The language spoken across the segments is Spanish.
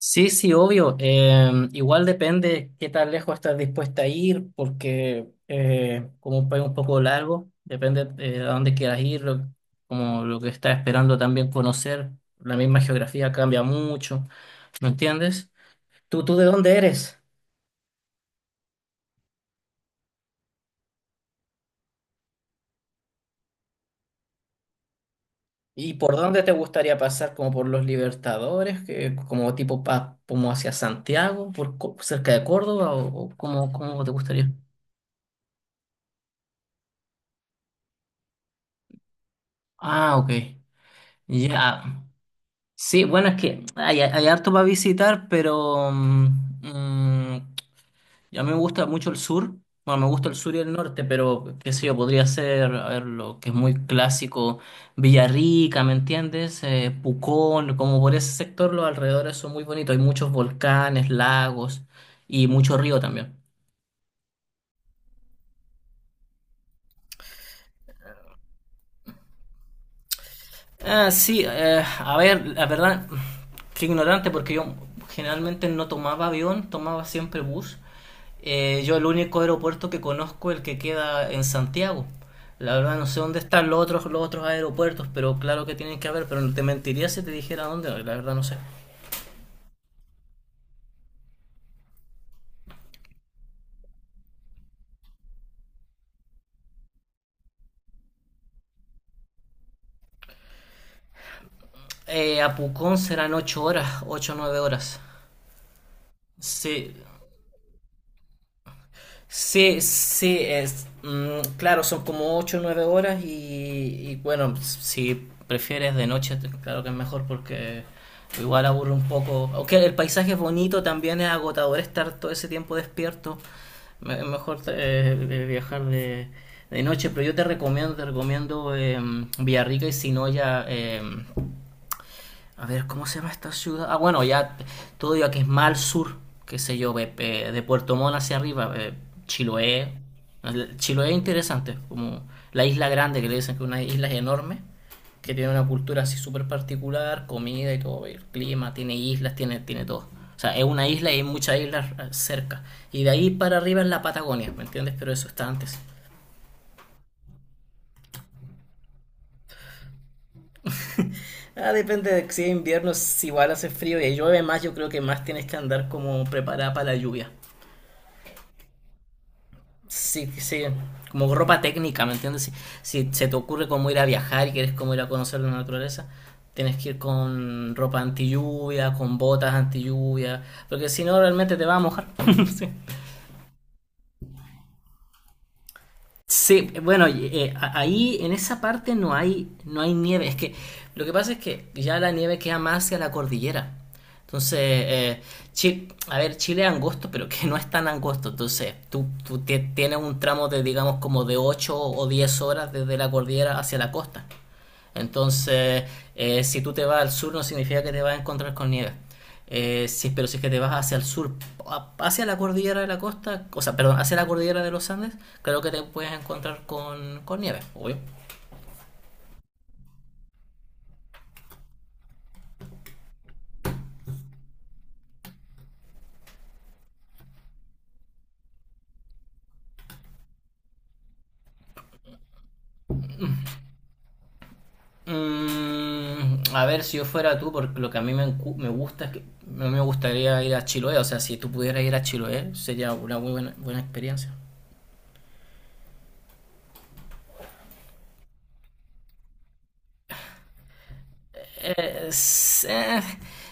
Sí, sí, obvio. Igual depende qué tan lejos estás dispuesta a ir, porque como un país un poco largo, depende de a dónde quieras ir, como lo que estás esperando también conocer. La misma geografía cambia mucho, ¿me entiendes? ¿Tú de dónde eres? ¿Y por dónde te gustaría pasar? ¿Como por los Libertadores? ¿Como tipo como hacia Santiago, por, cerca de Córdoba? ¿O cómo, cómo te gustaría? Ah, ok. Ya. Sí, bueno, es que hay harto para visitar, pero mm, a mí me gusta mucho el sur. Bueno, me gusta el sur y el norte, pero qué sé yo, podría ser, a ver, lo que es muy clásico, Villarrica, ¿me entiendes? Pucón, como por ese sector, los alrededores son muy bonitos. Hay muchos volcanes, lagos y mucho río también. Ah, sí, a ver, la verdad, qué ignorante porque yo generalmente no tomaba avión, tomaba siempre bus. Yo el único aeropuerto que conozco es el que queda en Santiago. La verdad no sé dónde están los otros aeropuertos, pero claro que tienen que haber, pero te mentiría si te dijera dónde, la verdad no sé. A Pucón serán ocho horas, ocho o 9 horas. Sí, sí, sí, es, claro, son como ocho o 9 horas y bueno, si prefieres de noche, claro que es mejor porque igual aburre un poco. Aunque el paisaje es bonito, también es agotador estar todo ese tiempo despierto. Es mejor viajar de noche, pero yo te recomiendo Villarrica y Sinoya. A ver, ¿cómo se llama esta ciudad? Ah, bueno, ya todo ya que es más al sur, qué sé yo, de Puerto Montt hacia arriba, Chiloé. Chiloé es interesante, como la isla grande que le dicen que es una isla enorme, que tiene una cultura así súper particular, comida y todo, el clima, tiene islas, tiene, tiene todo. O sea, es una isla y hay muchas islas cerca. Y de ahí para arriba es la Patagonia, ¿me entiendes? Pero eso está antes. Ah, depende de si es invierno, si igual hace frío y llueve más, yo creo que más tienes que andar como preparada para la lluvia. Sí, sí, como ropa técnica, ¿me entiendes? Si, si se te ocurre cómo ir a viajar y quieres cómo ir a conocer la naturaleza, tienes que ir con ropa anti lluvia, con botas anti lluvia, porque si no realmente te va a mojar. Sí. Sí, bueno, ahí en esa parte no hay, no hay nieve. Es que lo que pasa es que ya la nieve queda más hacia la cordillera. Entonces, a ver, Chile es angosto, pero que no es tan angosto. Entonces, tú, tú tienes un tramo de, digamos, como de 8 o 10 horas desde la cordillera hacia la costa. Entonces, si tú te vas al sur no significa que te vas a encontrar con nieve. Pero si es que te vas hacia el sur, hacia la cordillera de la costa, o sea, perdón, hacia la cordillera de los Andes, creo que te puedes encontrar con nieve, obvio. Mm, a ver, si yo fuera tú, porque lo que a me gusta es que a mí me gustaría ir a Chiloé, o sea, si tú pudieras ir a Chiloé, sería una muy buena, buena experiencia. Eh, s- eh,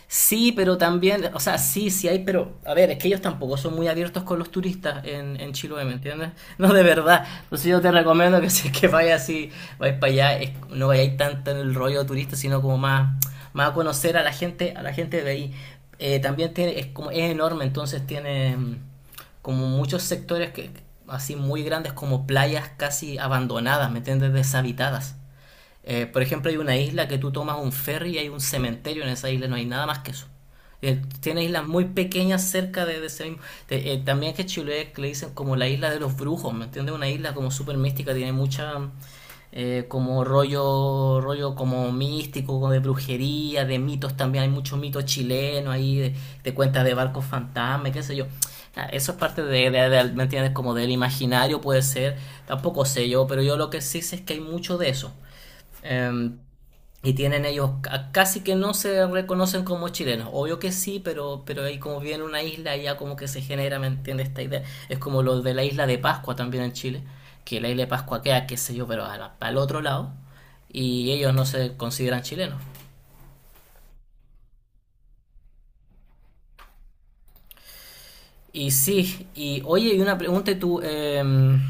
sí, pero también, o sea, sí, sí hay, pero a ver, es que ellos tampoco son muy abiertos con los turistas en Chiloé, ¿me entiendes? No, de verdad. Entonces yo te recomiendo que si es que vayas así, vais para allá, no vayáis tanto en el rollo turista, sino como más, más a conocer a la gente de ahí. También tiene, es como, es enorme, entonces tiene como muchos sectores que así muy grandes como playas casi abandonadas, ¿me entiendes? Deshabitadas. Por ejemplo, hay una isla que tú tomas un ferry y hay un cementerio en esa isla, no hay nada más que eso. Tiene islas muy pequeñas cerca de ese mismo. También que Chile le dicen como la isla de los brujos, ¿me entiendes? Una isla como súper mística, tiene mucha. Como rollo como místico, como de brujería, de mitos también. Hay muchos mitos chilenos ahí, de cuentas de barcos fantasmas, qué sé yo. Ah, eso es parte de ¿me entiendes? Como del imaginario puede ser, tampoco sé yo, pero yo lo que sí sé es que hay mucho de eso. Eh, y tienen ellos, casi que no se reconocen como chilenos. Obvio que sí, pero ahí como viene una isla, ya como que se genera, ¿me entiendes? Esta idea. Es como lo de la isla de Pascua también en Chile, que la isla de Pascua queda, qué sé yo, pero a al otro lado, y ellos no se consideran chilenos. Y sí, y oye, y una pregunta, y tú,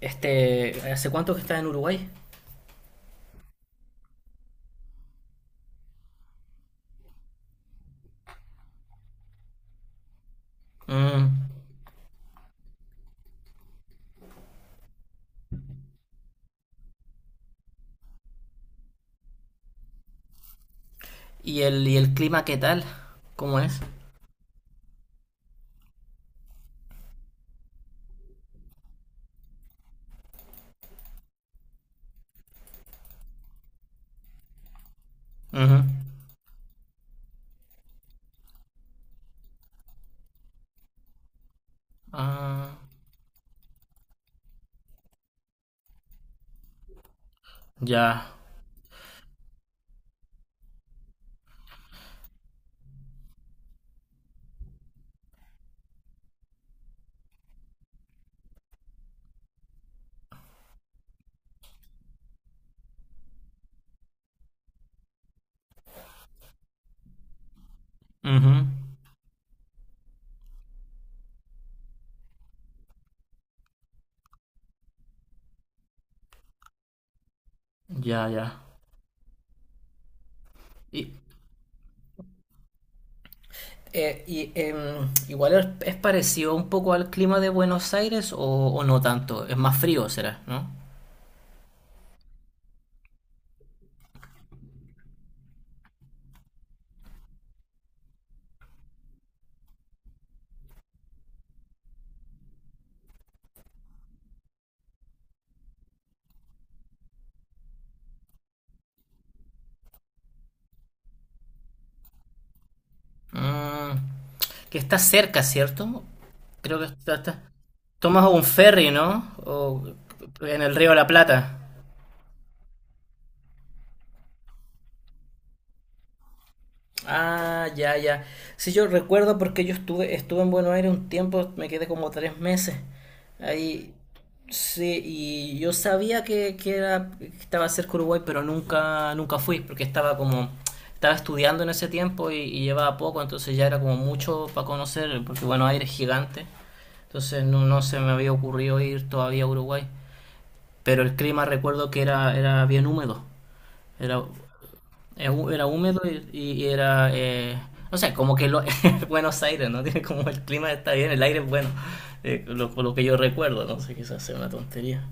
este, ¿hace cuánto que estás en Uruguay? Mm, ¿y el, y el clima qué tal? ¿Cómo es? Ujú. Ah, ya. Ujú. Ya, ya. Y, y, igual es parecido un poco al clima de Buenos Aires o no tanto. Es más frío, será, ¿no? Mm, que está cerca, ¿cierto? Creo que tomas un ferry, ¿no? O en el Río de la Plata. Ah, ya, ya. Sí, yo recuerdo porque yo estuve en Buenos Aires un tiempo, me quedé como 3 meses ahí. Sí, y yo sabía que era, que estaba cerca de Uruguay, pero nunca, nunca fui, porque estaba como, estaba estudiando en ese tiempo y llevaba poco, entonces ya era como mucho para conocer, porque Buenos Aires es gigante, entonces no, no se me había ocurrido ir todavía a Uruguay. Pero el clima recuerdo que era, era bien húmedo, era era húmedo y era, no sé, como que lo, Buenos Aires, ¿no? Tiene como el clima está bien, el aire es bueno, lo que yo recuerdo, no sé, quizás sea una tontería.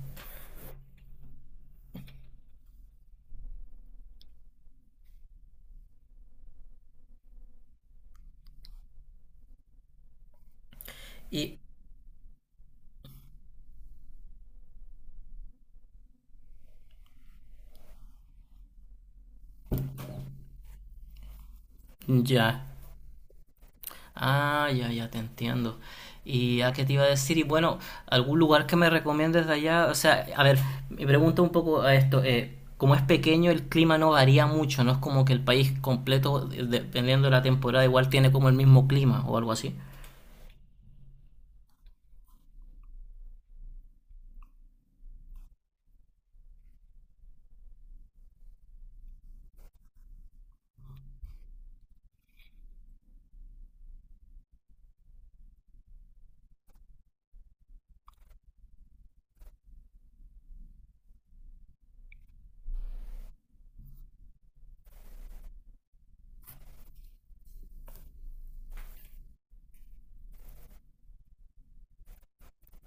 Y ya, ah, ya, ya te entiendo. ¿Y a qué te iba a decir? Y bueno, algún lugar que me recomiendes de allá, o sea, a ver, me pregunta un poco a esto, como es pequeño, el clima no varía mucho, no es como que el país completo, dependiendo de la temporada, igual tiene como el mismo clima o algo así.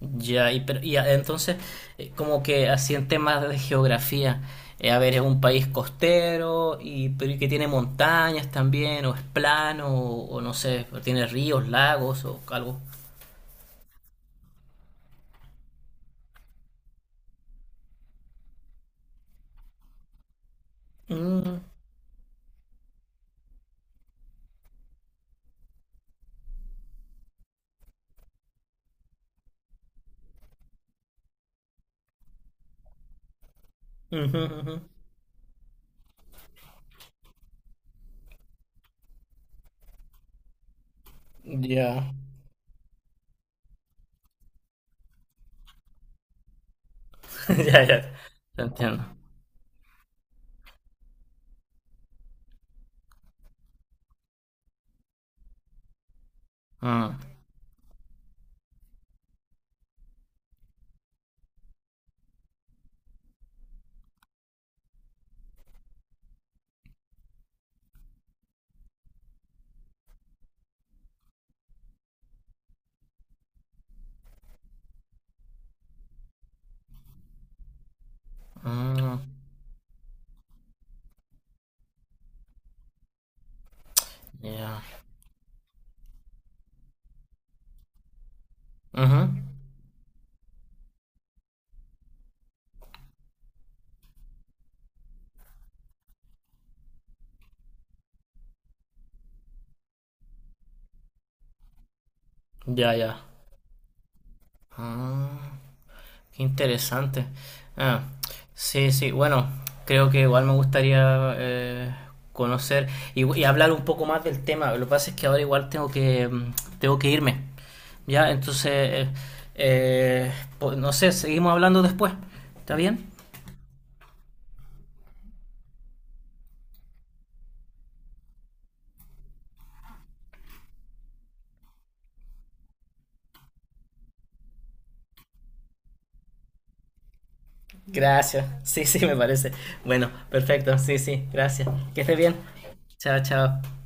Ya, y, entonces, como que así en temas de geografía, a ver, es un país costero y, pero y que tiene montañas también, o es plano, o no sé, o tiene ríos, lagos, o algo. Mm, ujú, ujú. Ya. Ya, ya, te entiendo. Mm, mm, ya. Ujú, ya, ya. Ah. Qué interesante. Ah, sí, sí, bueno, creo que igual me gustaría conocer y hablar un poco más del tema. Lo que pasa es que ahora igual tengo que, tengo que irme. Ya, entonces, eh, pues, no sé, seguimos hablando después. ¿Está bien? Gracias. Sí, sí, me parece. Bueno, perfecto. Sí, sí, gracias. Que estés bien. Chao, chao.